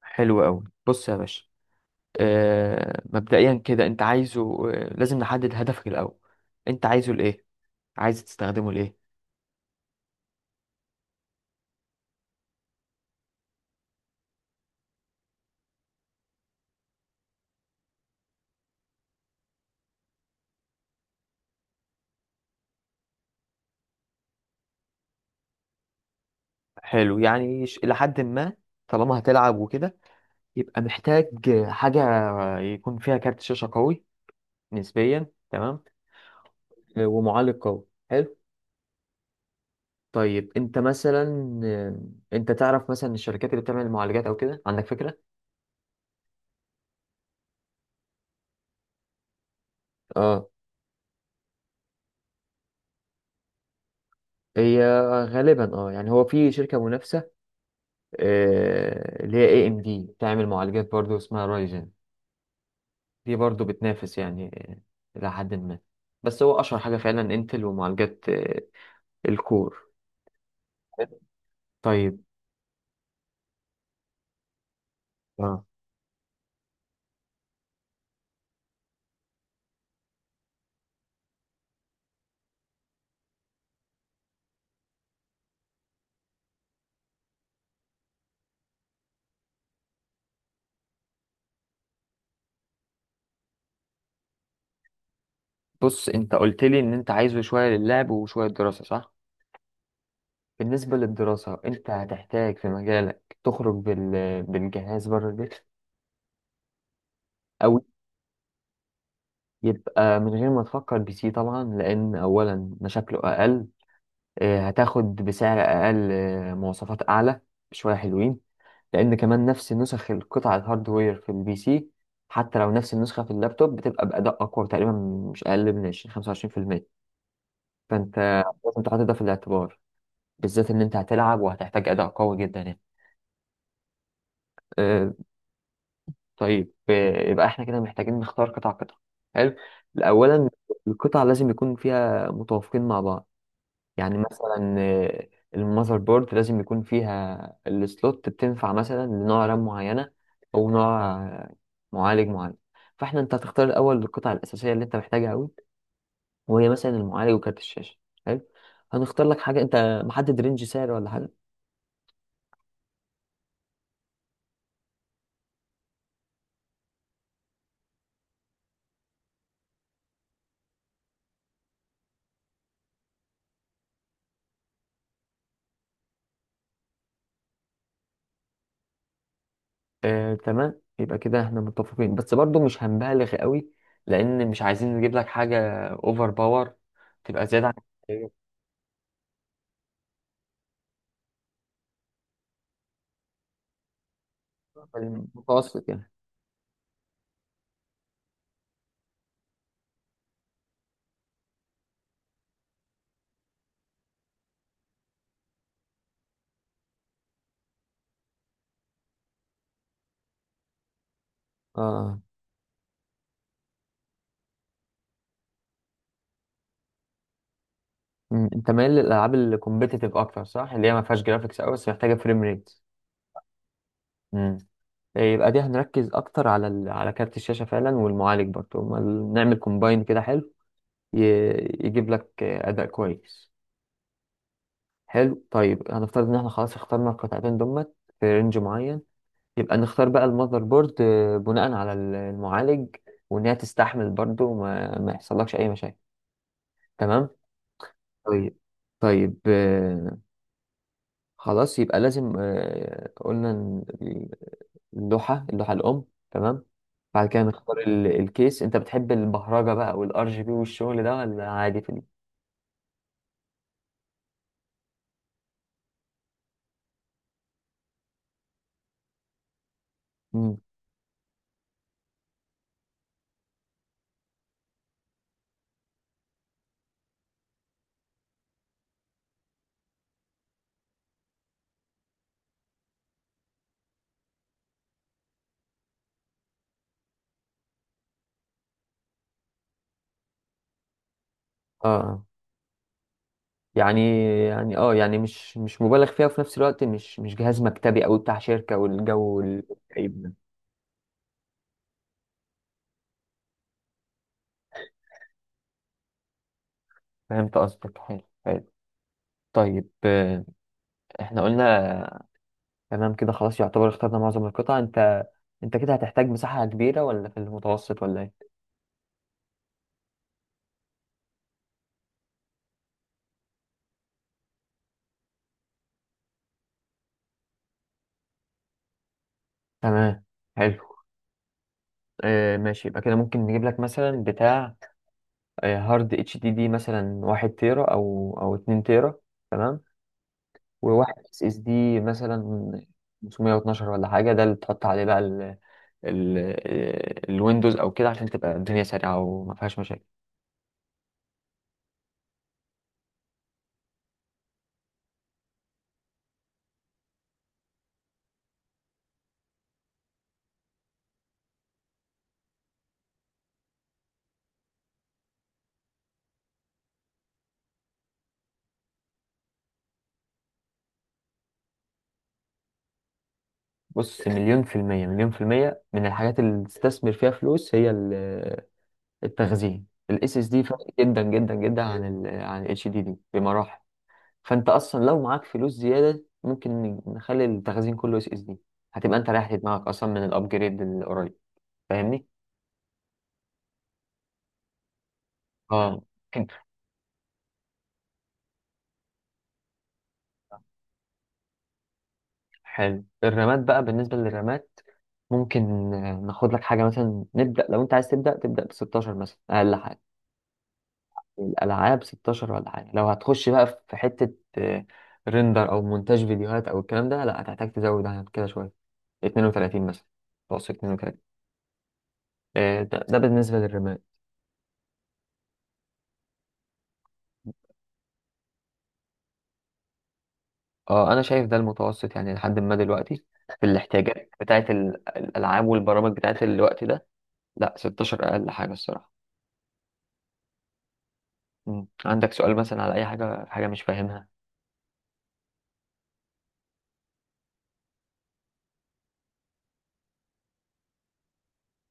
حلو قوي، بص يا باشا. مبدئيا كده، انت عايزه، لازم نحدد هدفك الاول. انت عايزه لايه؟ عايز تستخدمه لايه؟ حلو يعني، الى حد ما طالما هتلعب وكده، يبقى محتاج حاجه يكون فيها كارت شاشه قوي نسبيا. تمام. ومعالج قوي. حلو. طيب انت مثلا، انت تعرف مثلا الشركات اللي بتعمل المعالجات او كده؟ عندك فكره؟ اه. هي غالبا اه، يعني هو في شركه منافسه، اللي هي اي ام دي، بتعمل معالجات برضو اسمها رايزن. دي برضو بتنافس يعني، إلى حد ما. بس هو أشهر حاجة فعلا انتل، ومعالجات الكور. طيب. اه، بص انت قلت لي ان انت عايزه شوية للعب وشوية دراسة، صح؟ بالنسبة للدراسة، انت هتحتاج في مجالك تخرج بالجهاز بره البيت؟ او يبقى من غير ما تفكر بي سي طبعا، لان اولا مشاكله اقل، هتاخد بسعر اقل، مواصفات اعلى بشوية حلوين، لان كمان نفس نسخ القطع الهاردوير في البي سي، حتى لو نفس النسخه في اللابتوب، بتبقى باداء اقوى تقريبا، مش اقل من 20 25%. فانت لازم تحط ده في الاعتبار، بالذات ان انت هتلعب وهتحتاج اداء قوي جدا يعني. أه. طيب يبقى احنا كده محتاجين نختار قطع قطع. حلو. اولا، القطع لازم يكون فيها متوافقين مع بعض، يعني مثلا المذر بورد لازم يكون فيها السلوت بتنفع مثلا لنوع رام معينة، أو نوع معالج معين. فاحنا، انت هتختار الأول القطع الأساسية اللي انت محتاجها أوي، وهي مثلا المعالج وكارت الشاشة. حلو. هنختار لك حاجة، انت محدد رينج سعر ولا حاجة؟ تمام. يبقى كده احنا متفقين، بس برضو مش هنبالغ قوي، لأن مش عايزين نجيب لك حاجة أوفر باور، تبقى زيادة عن المتوسط يعني. اه. مم. انت مايل للالعاب الكومبيتيتيف اكتر صح؟ اللي هي ما فيهاش جرافيكس قوي بس محتاجه فريم ريت. امم. يبقى دي هنركز اكتر على على كارت الشاشه فعلا، والمعالج برضه، هما نعمل كومباين كده. حلو. ي... يجيب لك اداء كويس. حلو. طيب هنفترض ان احنا خلاص اخترنا القطعتين دول في رينج معين. يبقى نختار بقى المذر بورد بناء على المعالج، وان هي تستحمل برضه ما يحصلكش اي مشاكل. تمام. طيب. طيب آه، خلاص يبقى لازم، قلنا اللوحة الأم. تمام. بعد كده نختار الكيس. أنت بتحب البهرجة بقى والار جي بي والشغل ده، ولا عادي في مم. اه يعني، يعني مش مبالغ فيها، وفي نفس الوقت مش جهاز مكتبي أو بتاع شركة والجو الكئيب ده. فهمت قصدك، حلو حلو. طيب احنا قلنا، تمام كده خلاص يعتبر اخترنا معظم القطع. أنت كده هتحتاج مساحة كبيرة ولا في المتوسط ولا إيه؟ تمام. حلو. آه ماشي. يبقى كده ممكن نجيب لك مثلا بتاع هارد اتش دي دي، مثلا واحد تيرا او اتنين تيرا. تمام. وواحد اس اس دي مثلا 512 ولا حاجه، ده اللي تحط عليه بقى ال الويندوز او كده، عشان تبقى الدنيا سريعه وما فيهاش مشاكل. بص، مليون في المية مليون في المية من الحاجات اللي تستثمر فيها فلوس هي التخزين. الاس اس دي فرق جدا جدا جدا عن ال عن اتش دي دي بمراحل. فانت اصلا لو معاك فلوس زياده، ممكن نخلي التخزين كله اس اس دي. هتبقى انت ريحت دماغك اصلا من الابجريد القريب. فاهمني؟ اه ممكن. حلو. الرامات بقى، بالنسبه للرامات ممكن ناخد لك حاجه، مثلا نبدا، لو انت عايز تبدا ب 16 مثلا اقل حاجه. الالعاب 16 ولا حاجه، لو هتخش بقى في حته ريندر او مونتاج فيديوهات او الكلام ده، لا هتحتاج تزود عن كده شويه، 32 مثلا، توصل 32. ده بالنسبه للرامات. اه انا شايف ده المتوسط يعني لحد ما دلوقتي في الاحتياجات بتاعت الالعاب والبرامج بتاعت الوقت ده. لا 16 اقل حاجه الصراحه. مم. عندك سؤال مثلا على اي حاجه، في حاجه مش فاهمها؟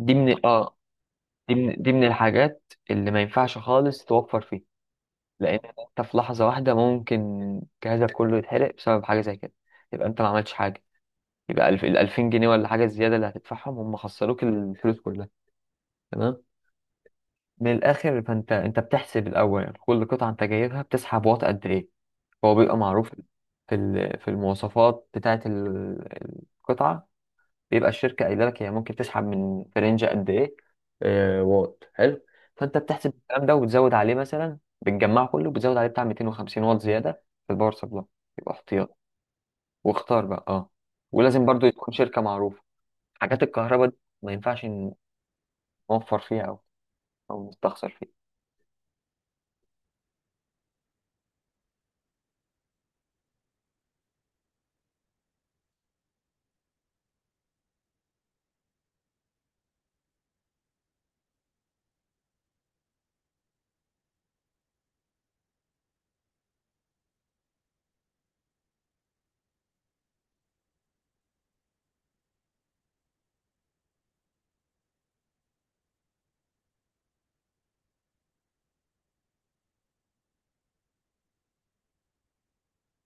دي من اه، دي من الحاجات اللي ما ينفعش خالص توفر فيه، لان انت في لحظه واحده ممكن جهازك كله يتحرق بسبب حاجه زي كده، يبقى انت ما عملتش حاجه. يبقى ال 2000 جنيه ولا حاجه الزياده اللي هتدفعهم، هم خسروك الفلوس كلها. تمام. من الاخر، فانت، انت بتحسب الاول كل قطعه انت جايبها بتسحب واط قد ايه. هو بيبقى معروف في في المواصفات بتاعه القطعه، بيبقى الشركه قايله لك هي ممكن تسحب من فرنجة قد ايه، واط. حلو. فانت بتحسب الكلام ده وبتزود عليه، مثلا بتجمعه كله بتزود عليه بتاع 250 واط زياده في الباور سبلاي، يبقى احتياط. واختار بقى. اه. ولازم برضو تكون شركه معروفه، حاجات الكهرباء دي ما ينفعش نوفر فيها، او او نستخسر فيها.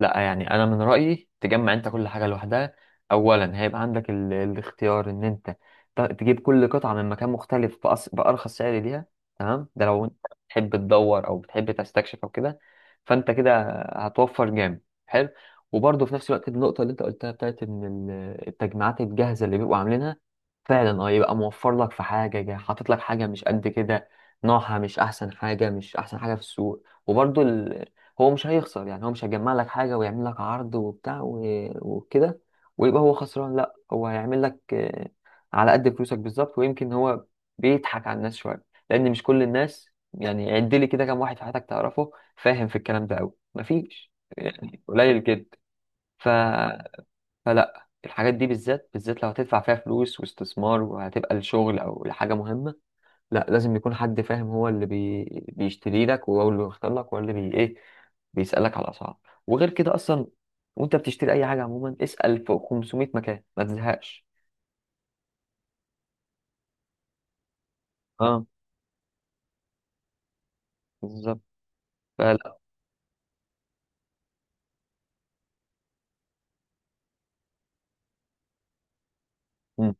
لا يعني، انا من رايي تجمع انت كل حاجه لوحدها. اولا هيبقى عندك الاختيار ان انت تجيب كل قطعه من مكان مختلف بارخص سعر ليها. تمام، ده لو انت بتحب تدور او بتحب تستكشف او كده، فانت كده هتوفر جامد. حلو. وبرضه في نفس الوقت، النقطه اللي انت قلتها بتاعت ان التجميعات الجاهزه اللي بيبقوا عاملينها، فعلا اه يبقى موفر لك في حاجه، حاطط لك حاجه مش قد كده، نوعها مش احسن حاجه، مش احسن حاجه في السوق. وبرضه هو مش هيخسر، يعني هو مش هيجمع لك حاجة ويعمل لك عرض وبتاع وكده ويبقى هو خسران، لا، هو هيعمل لك على قد فلوسك بالظبط. ويمكن هو بيضحك على الناس شوية، لأن مش كل الناس، يعني عد لي كده كام واحد في حياتك تعرفه فاهم في الكلام ده أوي؟ مفيش، يعني قليل جدا. ف... فلا الحاجات دي، بالذات بالذات لو هتدفع فيها فلوس واستثمار وهتبقى لشغل أو لحاجة مهمة، لا، لازم يكون حد فاهم هو اللي بيشتري لك، وهو اللي بيختار لك، وهو اللي ايه، بيسألك على الأسعار. وغير كده أصلا، وأنت بتشتري أي حاجة عموما، اسأل في 500 مكان ما تزهقش. اه بالظبط. فلا مم.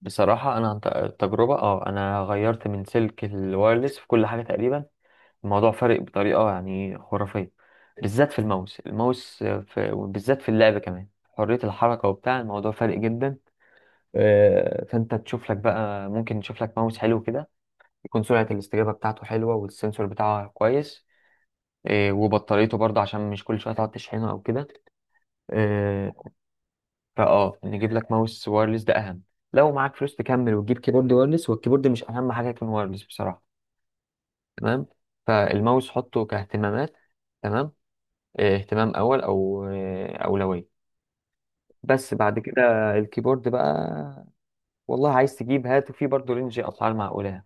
بصراحة أنا عن تجربة، اه، أنا غيرت من سلك الوايرلس في كل حاجة تقريبا. الموضوع فارق بطريقة يعني خرافية، بالذات في الماوس. وبالذات في اللعب كمان، حرية الحركة وبتاع، الموضوع فارق جدا. فانت تشوف لك بقى، ممكن تشوف لك ماوس حلو كده، يكون سرعة الاستجابة بتاعته حلوة والسنسور بتاعه كويس، وبطاريته برضه، عشان مش كل شوية تقعد تشحنه او كده. آه، فاه نجيب لك ماوس وايرلس، ده اهم. لو معاك فلوس تكمل وتجيب كيبورد وايرلس، والكيبورد مش اهم حاجة يكون وايرلس بصراحة. تمام. فالماوس حطه كاهتمامات، تمام، اهتمام اول، او اولوية، بس بعد كده الكيبورد بقى. والله عايز تجيب هاته، فيه برضه رينج اسعار معقولة.